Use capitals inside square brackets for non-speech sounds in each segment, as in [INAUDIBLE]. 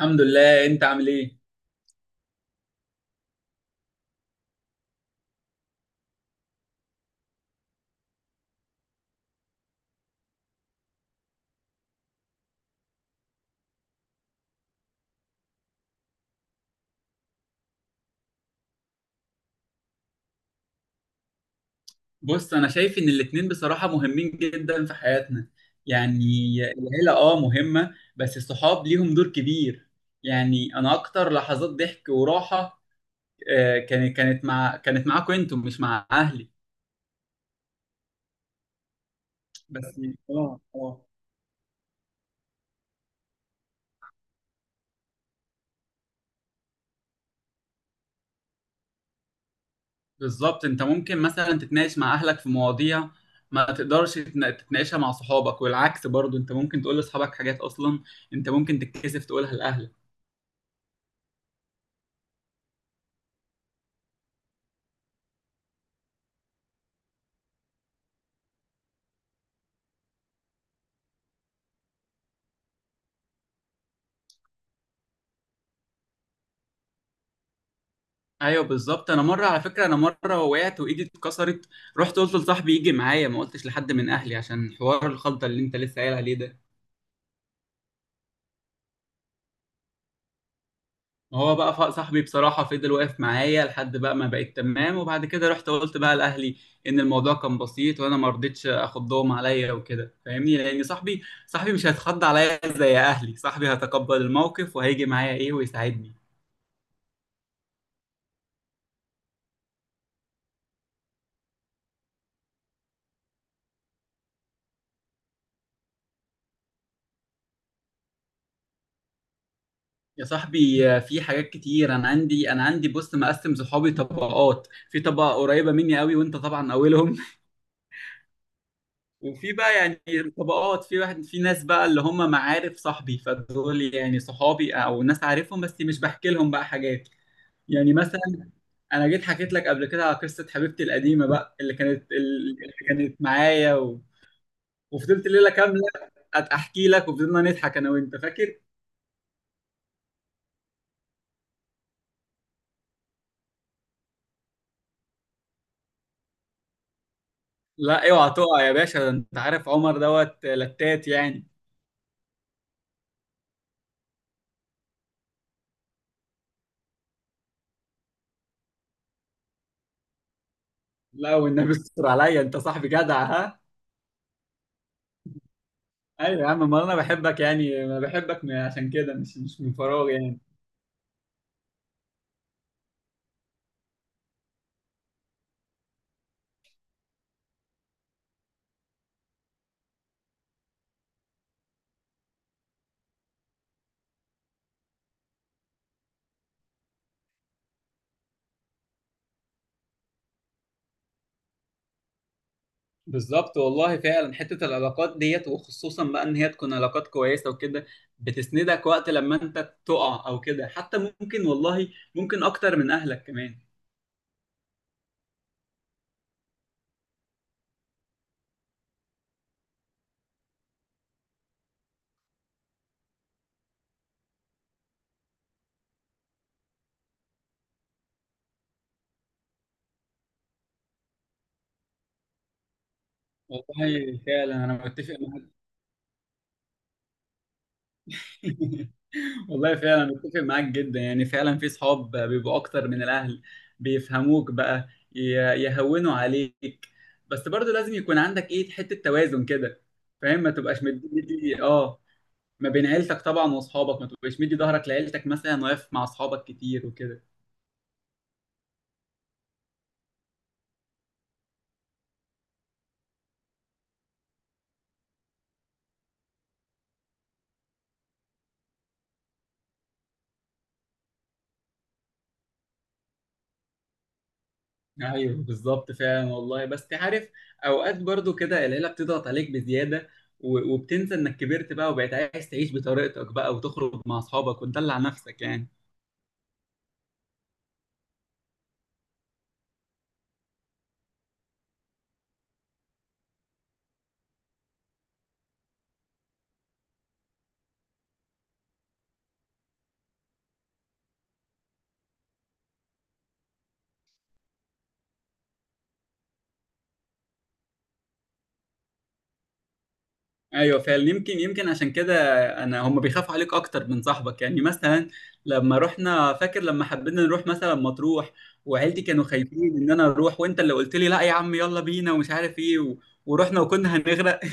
الحمد لله، انت عامل ايه؟ بص، انا شايف ان الاتنين بصراحة مهمين جدا في حياتنا يعني. العيلة مهمة بس الصحاب ليهم دور كبير. يعني انا اكتر لحظات ضحك وراحة كانت معاكم انتم، مش مع اهلي. بس، اه، اه. بالظبط، انت ممكن مثلا تتناقش مع اهلك في مواضيع ما تقدرش تتناقشها مع صحابك، والعكس برضو انت ممكن تقول لاصحابك حاجات اصلا انت ممكن تتكسف تقولها لاهلك. ايوه بالظبط. انا مره على فكره، انا مره وقعت وايدي اتكسرت، رحت قلت لصاحبي يجي معايا، ما قلتش لحد من اهلي عشان حوار الخلطه اللي انت لسه قايل عليه ده. هو بقى صاحبي بصراحه فضل واقف معايا لحد بقى ما بقيت تمام، وبعد كده رحت قلت بقى لاهلي ان الموضوع كان بسيط وانا ما رضيتش اخضهم عليا وكده، فاهمني؟ لان صاحبي مش هيتخض عليا زي اهلي، صاحبي هيتقبل الموقف وهيجي معايا ايه ويساعدني. يا صاحبي، في حاجات كتير انا عندي بص، مقسم صحابي طبقات، في طبقه قريبه مني قوي وانت طبعا اولهم [LAUGHS] وفي بقى يعني طبقات، في ناس بقى اللي هم معارف صاحبي، فدول يعني صحابي او ناس عارفهم بس مش بحكي لهم بقى حاجات. يعني مثلا انا جيت حكيت لك قبل كده على قصه حبيبتي القديمه بقى، اللي كانت معايا وفضلت ليله كامله احكي لك، وفضلنا نضحك انا وانت، فاكر؟ لا اوعى تقع يا باشا، ده انت عارف عمر دوت لتات يعني. لا والنبي استر عليا، انت صاحبي جدع، ها. ايوه يا عم، ما انا بحبك يعني، انا بحبك عشان كده، مش من فراغ يعني. بالظبط والله، فعلا حته العلاقات ديت، وخصوصا بقى ان هي تكون علاقات كويسه وكده، بتسندك وقت لما انت تقع او كده، حتى ممكن والله ممكن اكتر من اهلك كمان. والله فعلا انا متفق معاك [LAUGHS] والله فعلا متفق معاك جدا، يعني فعلا في صحاب بيبقوا اكتر من الاهل، بيفهموك بقى، يهونوا عليك. بس برضو لازم يكون عندك ايه، حتة توازن كده، فاهم؟ ما تبقاش مدي ما بين عيلتك طبعا واصحابك، ما تبقاش مدي ظهرك لعيلتك مثلا واقف مع اصحابك كتير وكده. ايوه بالظبط فعلا والله، بس تعرف اوقات برضو كده العيلة بتضغط عليك بزيادة، وبتنسى انك كبرت بقى وبقيت عايز تعيش بطريقتك بقى وتخرج مع اصحابك وتدلع نفسك يعني. ايوه فعلا، يمكن عشان كده انا، هم بيخافوا عليك اكتر من صاحبك. يعني مثلا لما رحنا، فاكر لما حبينا نروح مثلا مطروح؟ وعيلتي كانوا خايفين ان انا اروح، وانت اللي قلت لي لا يا عم يلا بينا ومش عارف ايه ورحنا وكنا هنغرق [LAUGHS]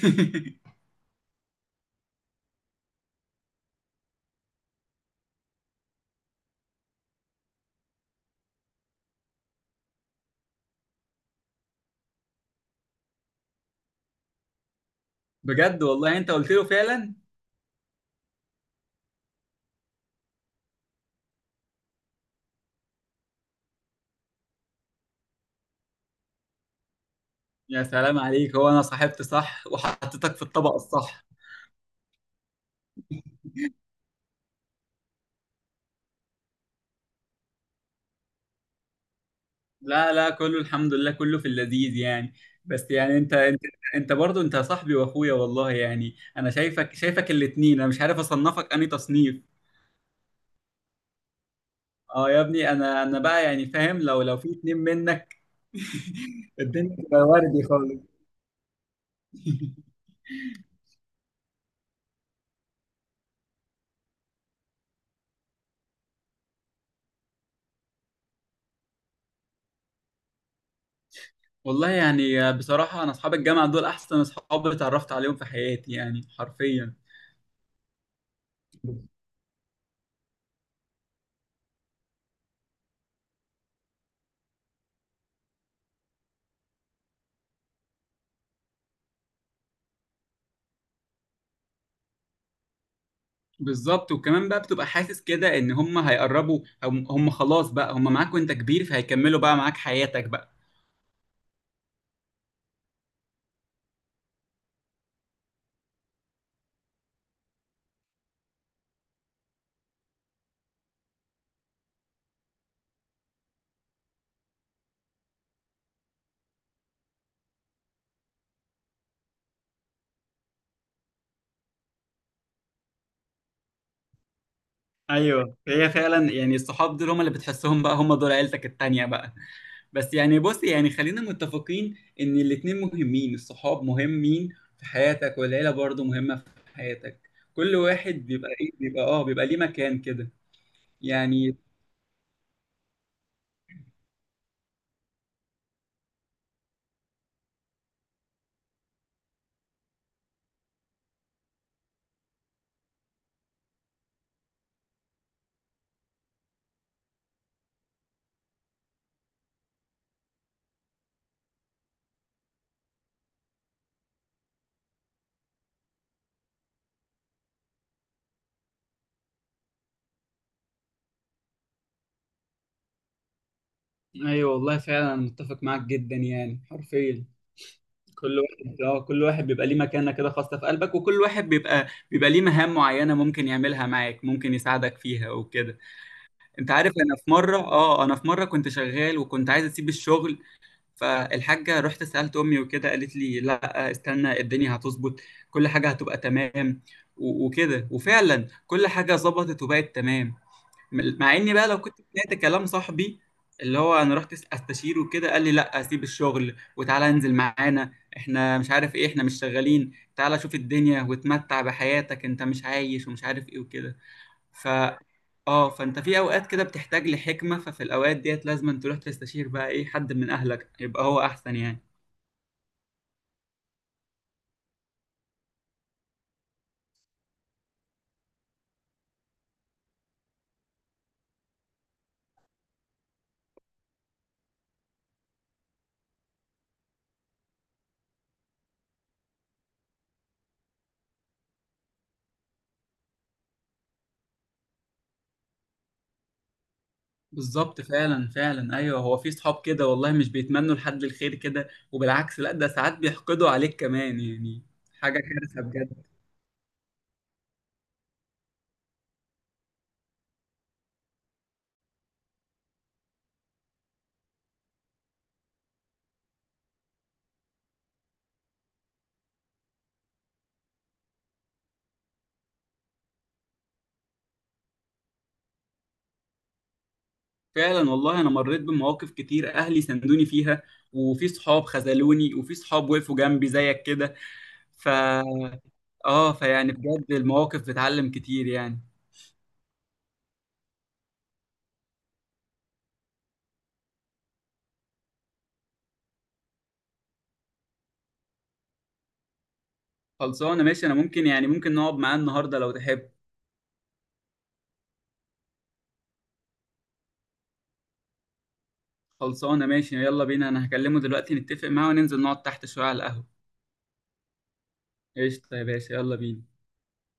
بجد والله يعني انت قلت له فعلا. يا سلام عليك، هو انا صاحبت صح وحطيتك في الطبق الصح. لا لا، كله الحمد لله، كله في اللذيذ يعني. بس يعني انت برضه انت صاحبي واخويا والله يعني، انا شايفك الاتنين، انا مش عارف اصنفك انهي تصنيف. اه يا ابني، انا بقى يعني فاهم، لو في اتنين منك الدنيا تبقى وردي خالص. والله يعني بصراحة، انا اصحاب الجامعة دول احسن اصحاب اتعرفت عليهم في حياتي يعني، حرفيا. بالظبط، وكمان بقى بتبقى حاسس كده ان هم هيقربوا، هم خلاص بقى هم معاك وانت كبير، فهيكملوا بقى معاك حياتك بقى. ايوه هي فعلا يعني، الصحاب دول هم اللي بتحسهم بقى هم دول عيلتك التانية بقى. بس يعني بص، يعني خلينا متفقين ان الاتنين مهمين، الصحاب مهمين في حياتك، والعيلة برضو مهمة في حياتك. كل واحد بيبقى ايه بيبقى اه بيبقى ليه مكان كده يعني. ايوه والله فعلا، انا متفق معاك جدا يعني حرفيا. كل واحد بيبقى ليه مكانه كده، خاصة في قلبك، وكل واحد بيبقى ليه مهام معينة، ممكن يعملها معاك، ممكن يساعدك فيها وكده. انت عارف، انا في مرة كنت شغال وكنت عايز اسيب الشغل، فالحاجة رحت سألت أمي وكده، قالت لي لا استنى، الدنيا هتظبط، كل حاجة هتبقى تمام وكده، وفعلا كل حاجة ظبطت وبقت تمام. مع إني بقى لو كنت سمعت كلام صاحبي، اللي هو أنا رحت أستشيره وكده، قال لي لا سيب الشغل وتعالى انزل معانا، إحنا مش عارف إيه، إحنا مش شغالين، تعالى شوف الدنيا وتمتع بحياتك، أنت مش عايش ومش عارف إيه وكده. ف اه فانت في اوقات كده بتحتاج لحكمة، ففي الاوقات ديت لازم أن تروح تستشير بقى ايه، حد من اهلك يبقى هو احسن يعني. بالظبط، فعلا ايوه، هو في صحاب كده والله مش بيتمنوا لحد الخير كده، وبالعكس لا، ده ساعات بيحقدوا عليك كمان يعني، حاجة كارثة بجد. فعلا والله، انا مريت بمواقف كتير اهلي سندوني فيها، وفي صحاب خذلوني، وفي صحاب وقفوا جنبي زيك كده. ف اه فيعني بجد المواقف بتعلم كتير يعني. خلصانة ماشي، انا ممكن يعني ممكن نقعد معاه النهاردة لو تحب. خلصانة ماشي، يلا بينا، أنا هكلمه دلوقتي نتفق معاه وننزل نقعد تحت شوية على القهوة. قشطة يا باشا، يلا بينا.